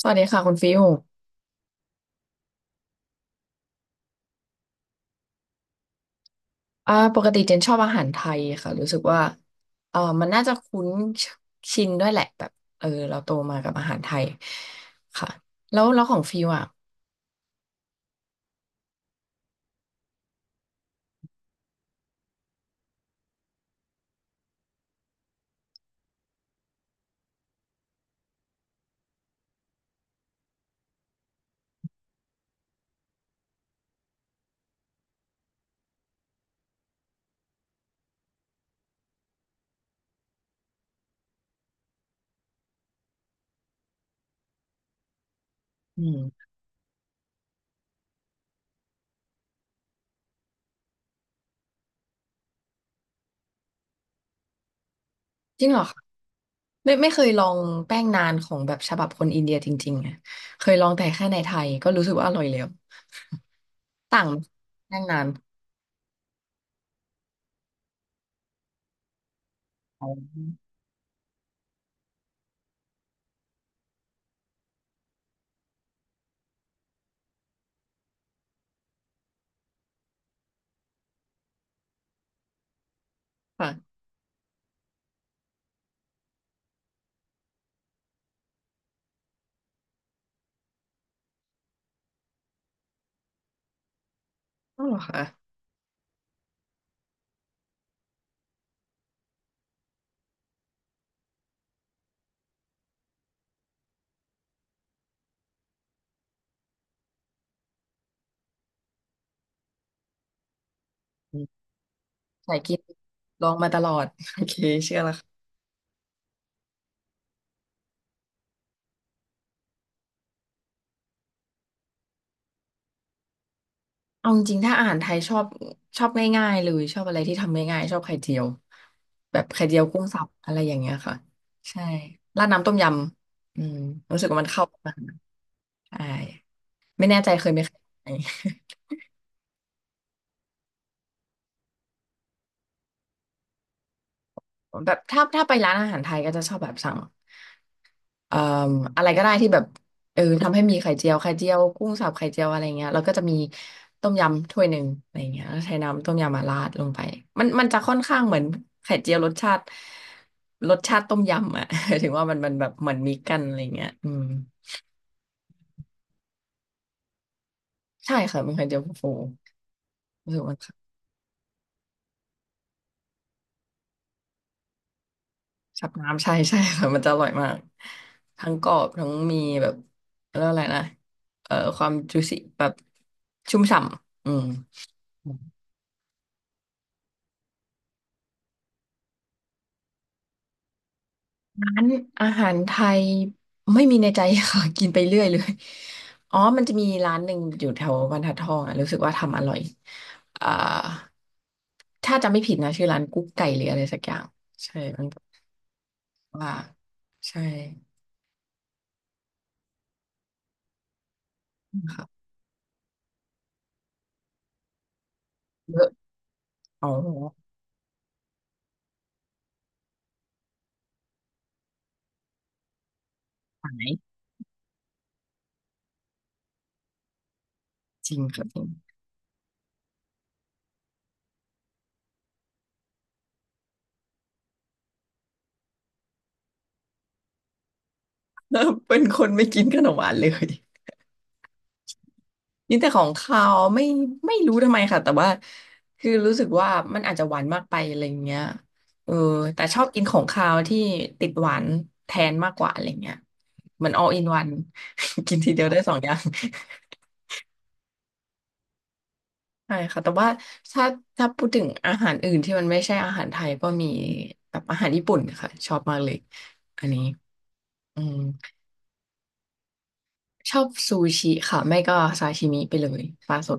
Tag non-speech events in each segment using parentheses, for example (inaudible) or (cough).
สวัสดีค่ะคุณฟิวปกติเจนชอบอาหารไทยค่ะรู้สึกว่ามันน่าจะคุ้นชินด้วยแหละแบบเราโตมากับอาหารไทยค่ะแล้วแล้วของฟิวอ่ะอืมจริงเหรอคะไม่ไม่เคยลองแป้งนานของแบบฉบับคนอินเดียจริงๆอะเคยลองแต่แค่ในไทยก็รู้สึกว่าอร่อยแล้ว (laughs) ต่างแป้งนานค่ะอ๋อเหรอคะอืมสายกินลองมาตลอด (laughs) โอเคเชื่อแล้วค่ะ เอาจริงๆถ้าอาหารไทยชอบชอบง่ายๆเลยชอบอะไรที่ทำง่ายๆชอบไข่เจียวแบบไข่เจียวกุ้งสับอะไรอย่างเงี้ยค่ะใช่ราดน้ำต้มยำอืมรู้สึกว่ามันเข้ากันใช่ไม่แน่ใจเคยไหมเคย (laughs) แบบถ้าถ้าไปร้านอาหารไทยก็จะชอบแบบสั่ง เอ่ออะไรก็ได้ที่แบบทำให้มีไข่เจียวไข่เจียวกุ้งสับไข่เจียวอะไรเงี้ยแล้วก็จะมีต้มยำถ้วยหนึ่งอะไรเงี้ยแล้วใช้น้ำต้มยำมาราดลงไปมันมันจะค่อนข้างเหมือนไข่เจียวรสชาติรสชาติต้มยำอ่ะ (laughs) ถึงว่ามันมันแบบเหมือนมิกกันอะไรเงี้ยอืมใช่ค่ะเป็นไข่เจียวฟูรู้สึกว่าชับน้ำใช่ใช่ค่ะมันจะอร่อยมากทั้งกรอบทั้งมีแบบเรียกว่าอะไรนะความจุสิแบบชุ่มฉ่ำอืม ร้านอาหารไทยไม่มีในใจค่ะ (laughs) กินไปเรื่อยเลยอ๋อมันจะมีร้านหนึ่งอยู่แถวบรรทัดทองอ่ะรู้สึกว่าทำอร่อยอ่าถ้าจำไม่ผิดนะชื่อร้านกุ๊กไก่หรืออะไรสักอย่างใช่มันบอกว่าใช่ค่ะเยอะอ๋อหายจริงครับจริง (laughs) เป็นคนไม่กินขนมหวานเลย ยินแต่ของเขาวไม่ไม่รู้ทำไมค่ะแต่ว่าคือรู้สึกว่ามันอาจจะหวานมากไปอะไรเงี้ยเออแต่ชอบกินของคาวที่ติดหวานแทนมากกว่าอะไรเงี้ยเหมือน all in one (laughs) กินทีเดียวได้สองอย่างใช่ค่ะแต่ว่าถ้าถ้าพูดถึงอาหารอื่นที่มันไม่ใช่อาหารไทยก็มีแบบอาหารญี่ปุ่นค่ะชอบมากเลยอันนี้อืมชอบซูชิค่ะไม่ก็ซาชิมิไปเลยปลาสด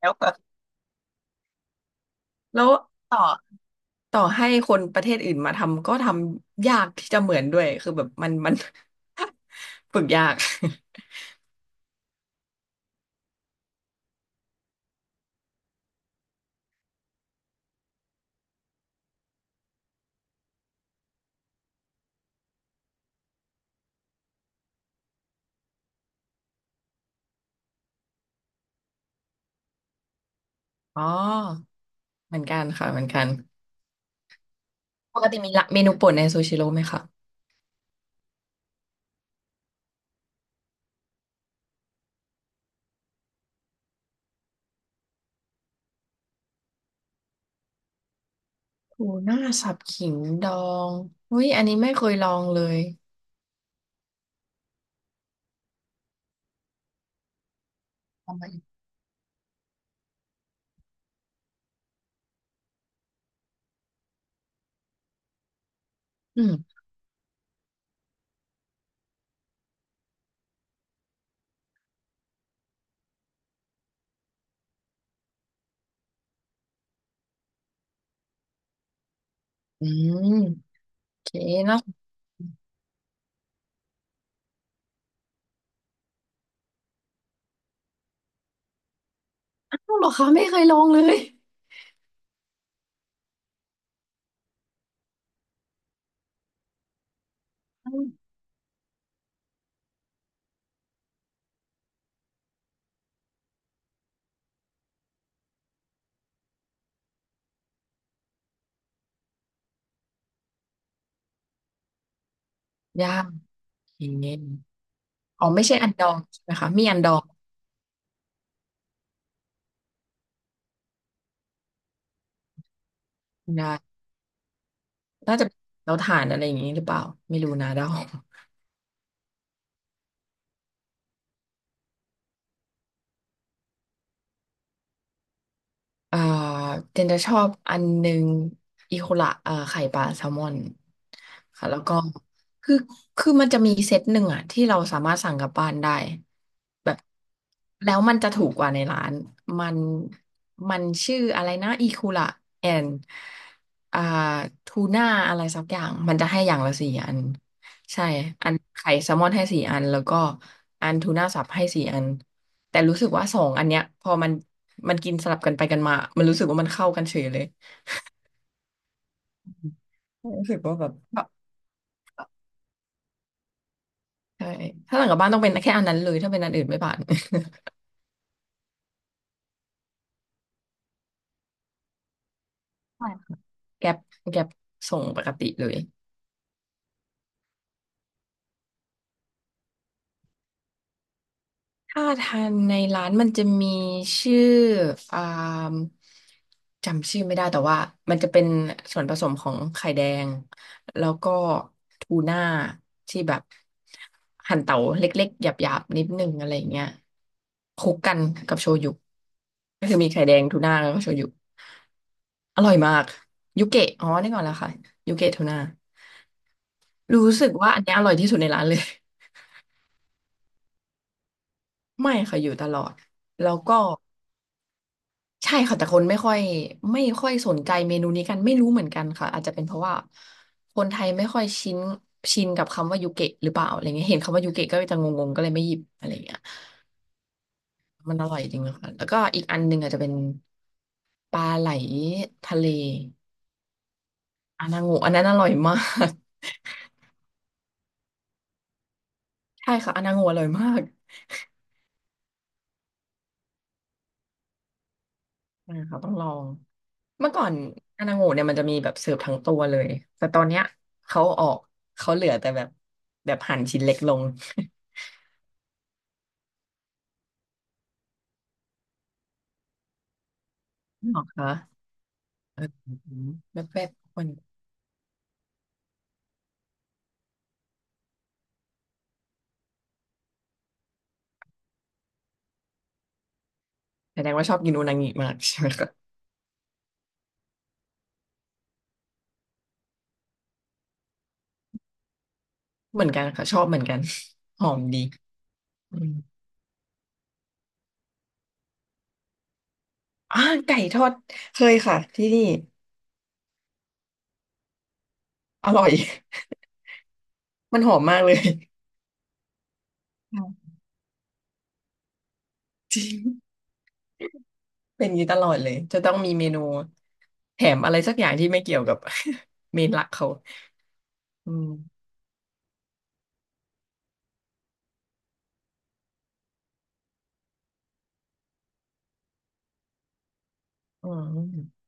แล้วก็แล้วต่อ ต่อให้คนประเทศอื่นมาทำก็ทำยากที่จะเหมือนด้วยคือแบบมันมัน (laughs) ฝึกยากอ๋อเหมือนกันค่ะเหมือนกันปกติมีละเมนูโปรดในซูชิโร่ไหมคะทูน่าสับขิงดองอุ้ยอันนี้ไม่เคยลองเลยทำไมอืมอืมโอเคนะอ้าวเหรอคะไม่เคยลองเลยอืมยากโอเคอ๋อไม่ใช่อันดองใช่ไหมคะมีอันดองนะน่าจะเราถ่านอะไรอย่างนี้หรือเปล่าไม่รู้นะเดา เอ่อเจนจะชอบอันหนึ่งอีโคละไข่ปลาแซลมอนค่ะแล้วก็คือคือมันจะมีเซตหนึ่งอะที่เราสามารถสั่งกลับบ้านได้แบบแล้วมันจะถูกกว่าในร้านมันมันชื่ออะไรนะอีคูละแอนอ่าทูน่าอะไรสักอย่างมันจะให้อย่างละสี่อันใช่อันไข่แซลมอนให้สี่อันแล้วก็อันทูน่าสับให้สี่อัน แต่รู้สึกว่าสองอันเนี้ยพอมันมันกินสลับกันไปกันมามันรู้สึกว่ามันเข้ากันเฉยเลยรู้สึกว่าแบบใช่ถ้าหลังกลับบ้านต้องเป็นแค่อันนั้นเลยถ้าเป็นอันอื่นไม่ผ่าน (laughs) ใช่ค่ะ (laughs) แก๊ปแก๊ปส่งปกติเลย ถ้าทานในร้านมันจะมีชื่ออ่าจำชื่อไม่ได้แต่ว่ามันจะเป็นส่วนผสมของไข่แดงแล้วก็ทูน่าที่แบบหั่นเต๋าเล็กๆหยาบๆนิดนึงอะไรอย่างเงี้ยคลุกกันกับโชยุก็คือมีไข่แดงทูน่าแล้วก็โชยุอร่อยมากยุเกะอ๋อนี่ก่อนแล้วค่ะยุเกะทูน่ารู้สึกว่าอันเนี้ยอร่อยที่สุดในร้านเลย (laughs) ไม่ค่ะอยู่ตลอดแล้วก็ ใช่ค่ะแต่คนไม่ค่อยไม่ค่อยสนใจเมนูนี้กันไม่รู้เหมือนกันค่ะอาจจะเป็นเพราะว่าคนไทยไม่ค่อยชินชินกับคำว่ายูเกะหรือเปล่าอะไรเงี้ยเห็นคำว่ายูเกะก็จะงงๆก็เลยไม่หยิบอะไรเงี้ยมันอร่อยจริงนะคะแล้วก็อีกอันหนึ่งอาจจะเป็นปลาไหลทะเลอานาโงะอันนั้นอร่อยมากใช่ค่ะอานาโงะอร่อยมากนะคะต้องลองเมื่อก่อนอานาโงะเนี่ยมันจะมีแบบเสิร์ฟทั้งตัวเลยแต่ตอนเนี้ยเขาออกเขาเหลือแต่แบบแบบหั่นชิ้นเล็กลง หรอคะเออแบบแบบคนแสดงว่าชอบกินอุนางิมากใช่ไหมคะเหมือนกันค่ะชอบเหมือนกันหอมดีอืมอ่าไก่ทอดเคยค่ะที่นี่อร่อย (laughs) มันหอมมากเลยค่ะจริงเป็นอย่างนี้ตลอดเลยจะต้องมีเมนูแถมอะไรสักอย่างที่ไม่เกี่ยวกับ (laughs) เมนหลักเขาอืมอืม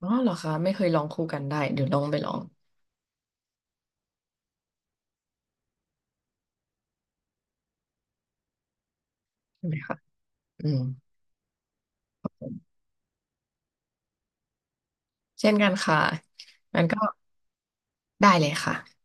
อ๋อเหรอคะไม่เคยลองคู่กันได้เดี๋ยวลองไปลองใช่ไหมคะอืมเช่นกันค่ะงั้นก็ได้เลยค่ะ